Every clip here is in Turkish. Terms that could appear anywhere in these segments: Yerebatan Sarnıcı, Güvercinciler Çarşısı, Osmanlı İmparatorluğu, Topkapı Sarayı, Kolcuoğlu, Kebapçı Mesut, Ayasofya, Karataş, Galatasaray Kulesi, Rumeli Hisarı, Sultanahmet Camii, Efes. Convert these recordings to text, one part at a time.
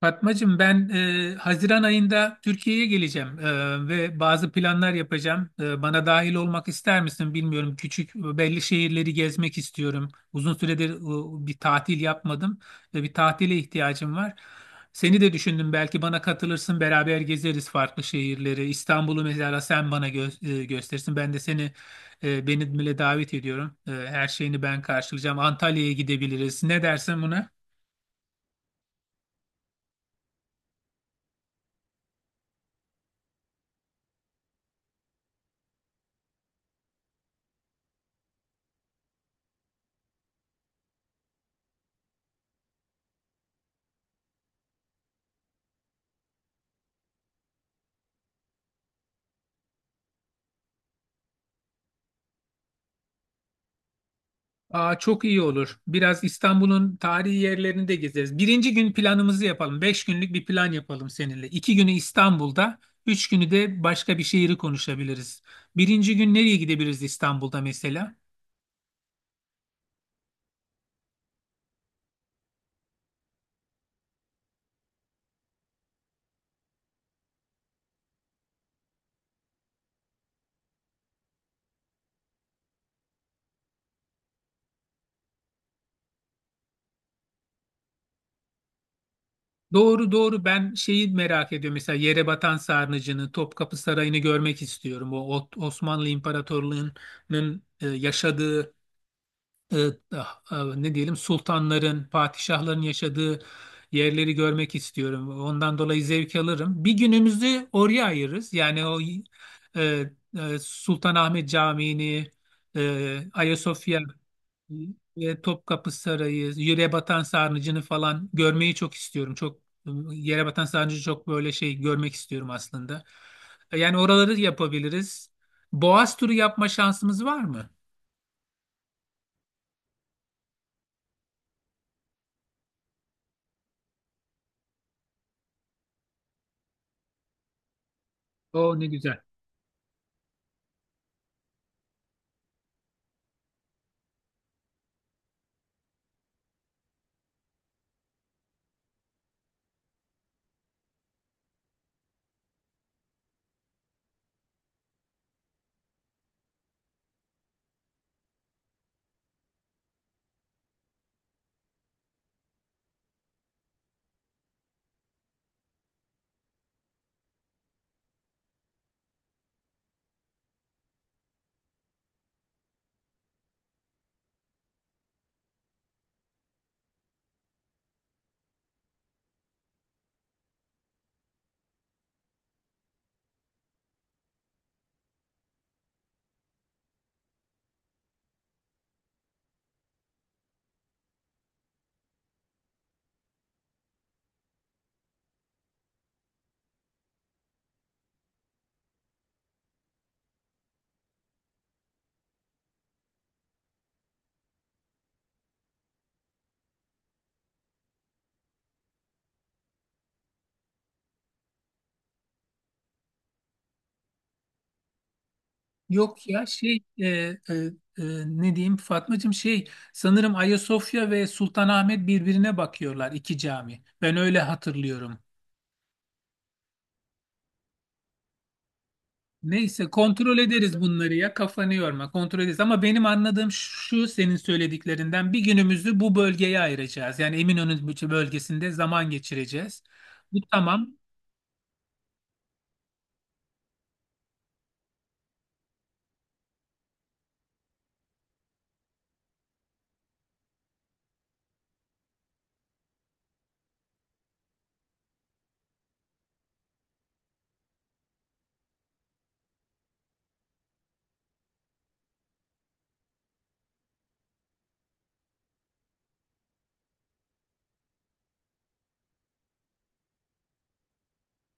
Fatmacığım ben Haziran ayında Türkiye'ye geleceğim ve bazı planlar yapacağım. Bana dahil olmak ister misin bilmiyorum. Küçük belli şehirleri gezmek istiyorum. Uzun süredir bir tatil yapmadım ve bir tatile ihtiyacım var. Seni de düşündüm, belki bana katılırsın, beraber gezeriz farklı şehirleri. İstanbul'u mesela sen bana gösterirsin. Ben de seni beni bile davet ediyorum. Her şeyini ben karşılayacağım. Antalya'ya gidebiliriz. Ne dersin buna? Aa, çok iyi olur. Biraz İstanbul'un tarihi yerlerini de gezeriz. Birinci gün planımızı yapalım. Beş günlük bir plan yapalım seninle. İki günü İstanbul'da, üç günü de başka bir şehri konuşabiliriz. Birinci gün nereye gidebiliriz İstanbul'da mesela? Doğru, ben şeyi merak ediyorum. Mesela Yerebatan Sarnıcı'nı, Topkapı Sarayı'nı görmek istiyorum. Osmanlı İmparatorluğu'nun yaşadığı e, ah, ah, ne diyelim sultanların, padişahların yaşadığı yerleri görmek istiyorum. Ondan dolayı zevk alırım. Bir günümüzü oraya ayırırız. Yani o e, Sultanahmet Camii'ni, Ayasofya ve Topkapı Sarayı, yere batan sarnıcını falan görmeyi çok istiyorum. Çok yere batan sarnıcı çok böyle şey görmek istiyorum aslında. Yani oraları yapabiliriz. Boğaz turu yapma şansımız var mı? Oo, ne güzel. Yok ya e, ne diyeyim Fatmacığım, şey, sanırım Ayasofya ve Sultanahmet birbirine bakıyorlar, iki cami. Ben öyle hatırlıyorum. Neyse, kontrol ederiz bunları, ya kafanı yorma, kontrol ederiz. Ama benim anladığım şu senin söylediklerinden: bir günümüzü bu bölgeye ayıracağız. Yani Eminönü bölgesinde zaman geçireceğiz. Bu tamam.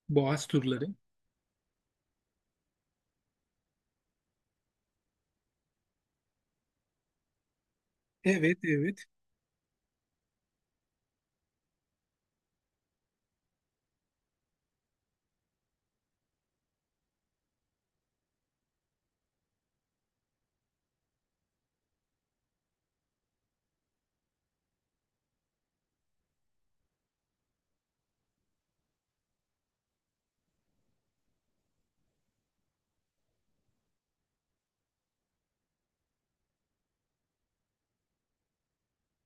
Boğaz turları. Evet, evet.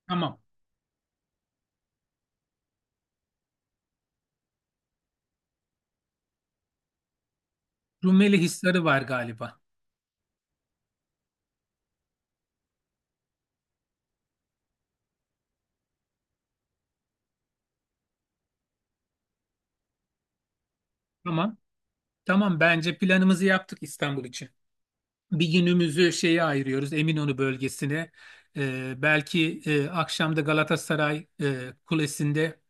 Tamam. Rumeli Hisarı var galiba. Tamam. Tamam, bence planımızı yaptık İstanbul için. Bir günümüzü şeye ayırıyoruz, Eminönü bölgesine. Belki akşam da Galatasaray Kulesi'nde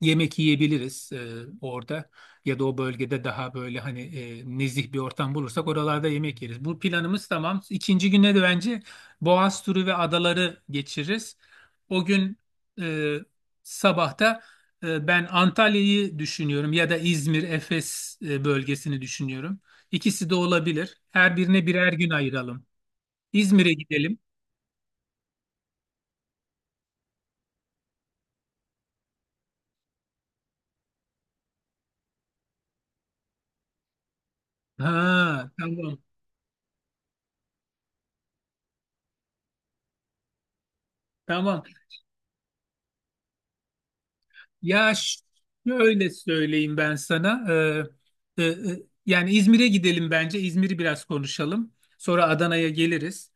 yemek yiyebiliriz orada, ya da o bölgede daha böyle hani nezih bir ortam bulursak oralarda yemek yeriz. Bu planımız tamam. İkinci güne de bence Boğaz turu ve adaları geçiririz. O gün e, sabahta ben Antalya'yı düşünüyorum ya da İzmir, Efes bölgesini düşünüyorum. İkisi de olabilir. Her birine birer gün ayıralım. İzmir'e gidelim. Ha, tamam. Tamam. Ya ş- Şöyle söyleyeyim ben sana. Ee, e, e, Yani İzmir'e gidelim bence. İzmir'i biraz konuşalım. Sonra Adana'ya geliriz.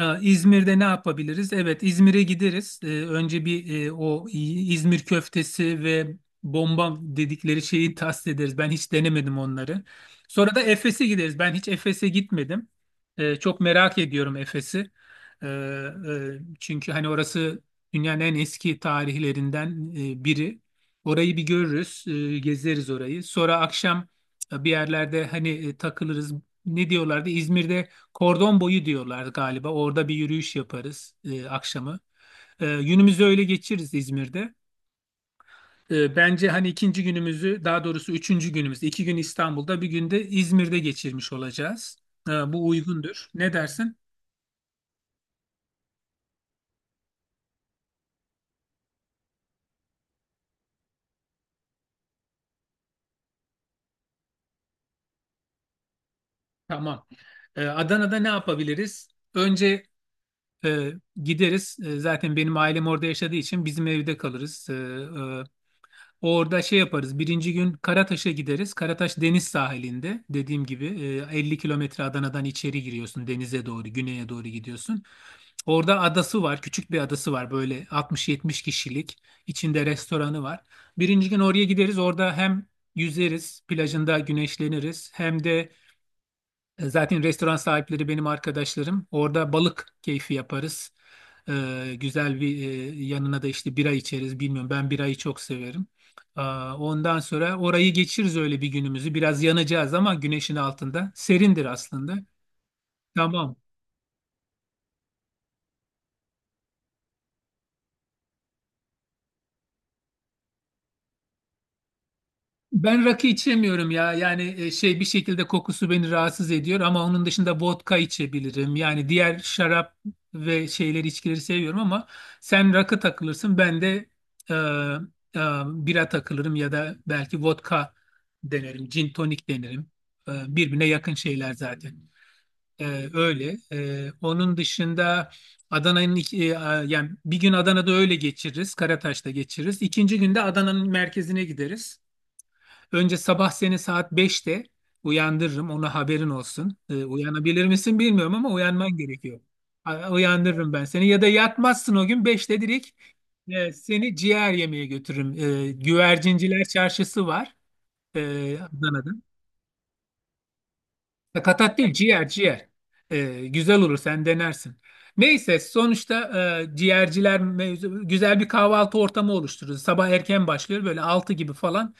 İzmir'de ne yapabiliriz? Evet, İzmir'e gideriz. Önce bir o İzmir köftesi ve bomba dedikleri şeyi tast ederiz. Ben hiç denemedim onları. Sonra da Efes'e gideriz. Ben hiç Efes'e gitmedim. Çok merak ediyorum Efes'i. Çünkü hani orası dünyanın en eski tarihlerinden biri. Orayı bir görürüz, gezeriz orayı. Sonra akşam bir yerlerde hani takılırız. Ne diyorlardı? İzmir'de kordon boyu diyorlar galiba. Orada bir yürüyüş yaparız akşamı. Günümüzü öyle geçiririz İzmir'de. Bence hani ikinci günümüzü, daha doğrusu üçüncü günümüz, iki gün İstanbul'da, bir gün de İzmir'de geçirmiş olacağız. Bu uygundur. Ne dersin? Tamam. Adana'da ne yapabiliriz? Önce E, gideriz. E, zaten benim ailem orada yaşadığı için bizim evde kalırız. Orada şey yaparız. Birinci gün Karataş'a gideriz. Karataş deniz sahilinde. Dediğim gibi 50 kilometre Adana'dan içeri giriyorsun. Denize doğru, güneye doğru gidiyorsun. Orada adası var. Küçük bir adası var. Böyle 60-70 kişilik. İçinde restoranı var. Birinci gün oraya gideriz. Orada hem yüzeriz, plajında güneşleniriz. Hem de zaten restoran sahipleri benim arkadaşlarım. Orada balık keyfi yaparız. Güzel bir yanına da işte bira içeriz. Bilmiyorum, ben birayı çok severim. Aa, ondan sonra orayı geçiririz öyle, bir günümüzü. Biraz yanacağız ama güneşin altında. Serindir aslında. Tamam. Ben rakı içemiyorum ya. Yani şey, bir şekilde kokusu beni rahatsız ediyor, ama onun dışında vodka içebilirim. Yani diğer şarap ve şeyleri, içkileri seviyorum, ama sen rakı takılırsın, ben de e, e, bira takılırım ya da belki vodka denerim, gin tonik denerim. Birbirine yakın şeyler zaten. E, öyle. Onun dışında Adana'nın iki- e, a- yani bir gün Adana'da öyle geçiririz, Karataş'ta geçiririz. İkinci günde Adana'nın merkezine gideriz. Önce sabah seni saat 5'te uyandırırım. Ona haberin olsun. Uyanabilir misin bilmiyorum ama uyanman gerekiyor. Uyandırırım ben seni. Ya da yatmazsın o gün, 5'te direkt seni ciğer yemeye götürürüm. Güvercinciler çarşısı var Adana'da. Sakatat değil, ciğer. Güzel olur, sen denersin. Neyse, sonuçta ciğerciler mevzu, güzel bir kahvaltı ortamı oluştururuz. Sabah erken başlıyor, böyle 6 gibi falan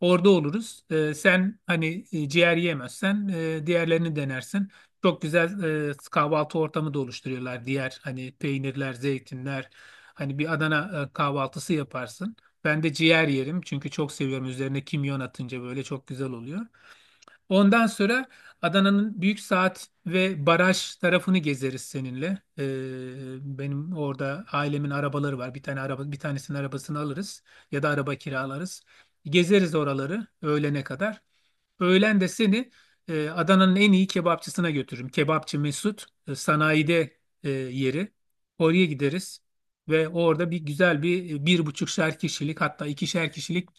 orada oluruz. Sen hani ciğer yiyemezsen diğerlerini denersin. Çok güzel kahvaltı ortamı da oluşturuyorlar. Diğer hani peynirler, zeytinler, hani bir Adana kahvaltısı yaparsın. Ben de ciğer yerim çünkü çok seviyorum. Üzerine kimyon atınca böyle çok güzel oluyor. Ondan sonra Adana'nın Büyük Saat ve Baraj tarafını gezeriz seninle. Benim orada ailemin arabaları var. Bir tane araba, bir tanesinin arabasını alırız ya da araba kiralarız. Gezeriz oraları öğlene kadar. Öğlen de seni Adana'nın en iyi kebapçısına götürürüm. Kebapçı Mesut, sanayide yeri. Oraya gideriz ve orada güzel bir bir buçukşer kişilik, hatta ikişer kişilik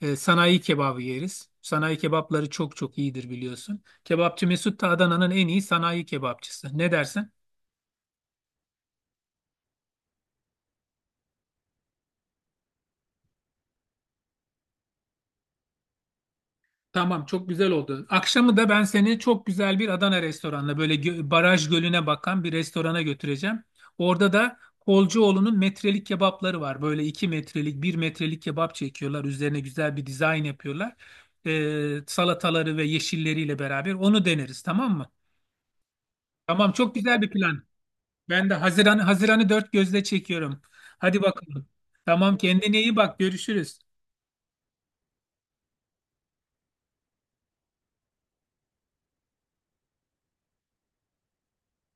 sanayi kebabı yeriz. Sanayi kebapları çok çok iyidir biliyorsun. Kebapçı Mesut da Adana'nın en iyi sanayi kebapçısı. Ne dersin? Tamam, çok güzel oldu. Akşamı da ben seni çok güzel bir Adana restoranına, böyle baraj gölüne bakan bir restorana götüreceğim. Orada da Kolcuoğlu'nun metrelik kebapları var. Böyle iki metrelik, bir metrelik kebap çekiyorlar. Üzerine güzel bir dizayn yapıyorlar. Salataları ve yeşilleriyle beraber onu deneriz, tamam mı? Tamam, çok güzel bir plan. Ben de Haziran'ı dört gözle çekiyorum. Hadi bakalım. Tamam, kendine iyi bak, görüşürüz.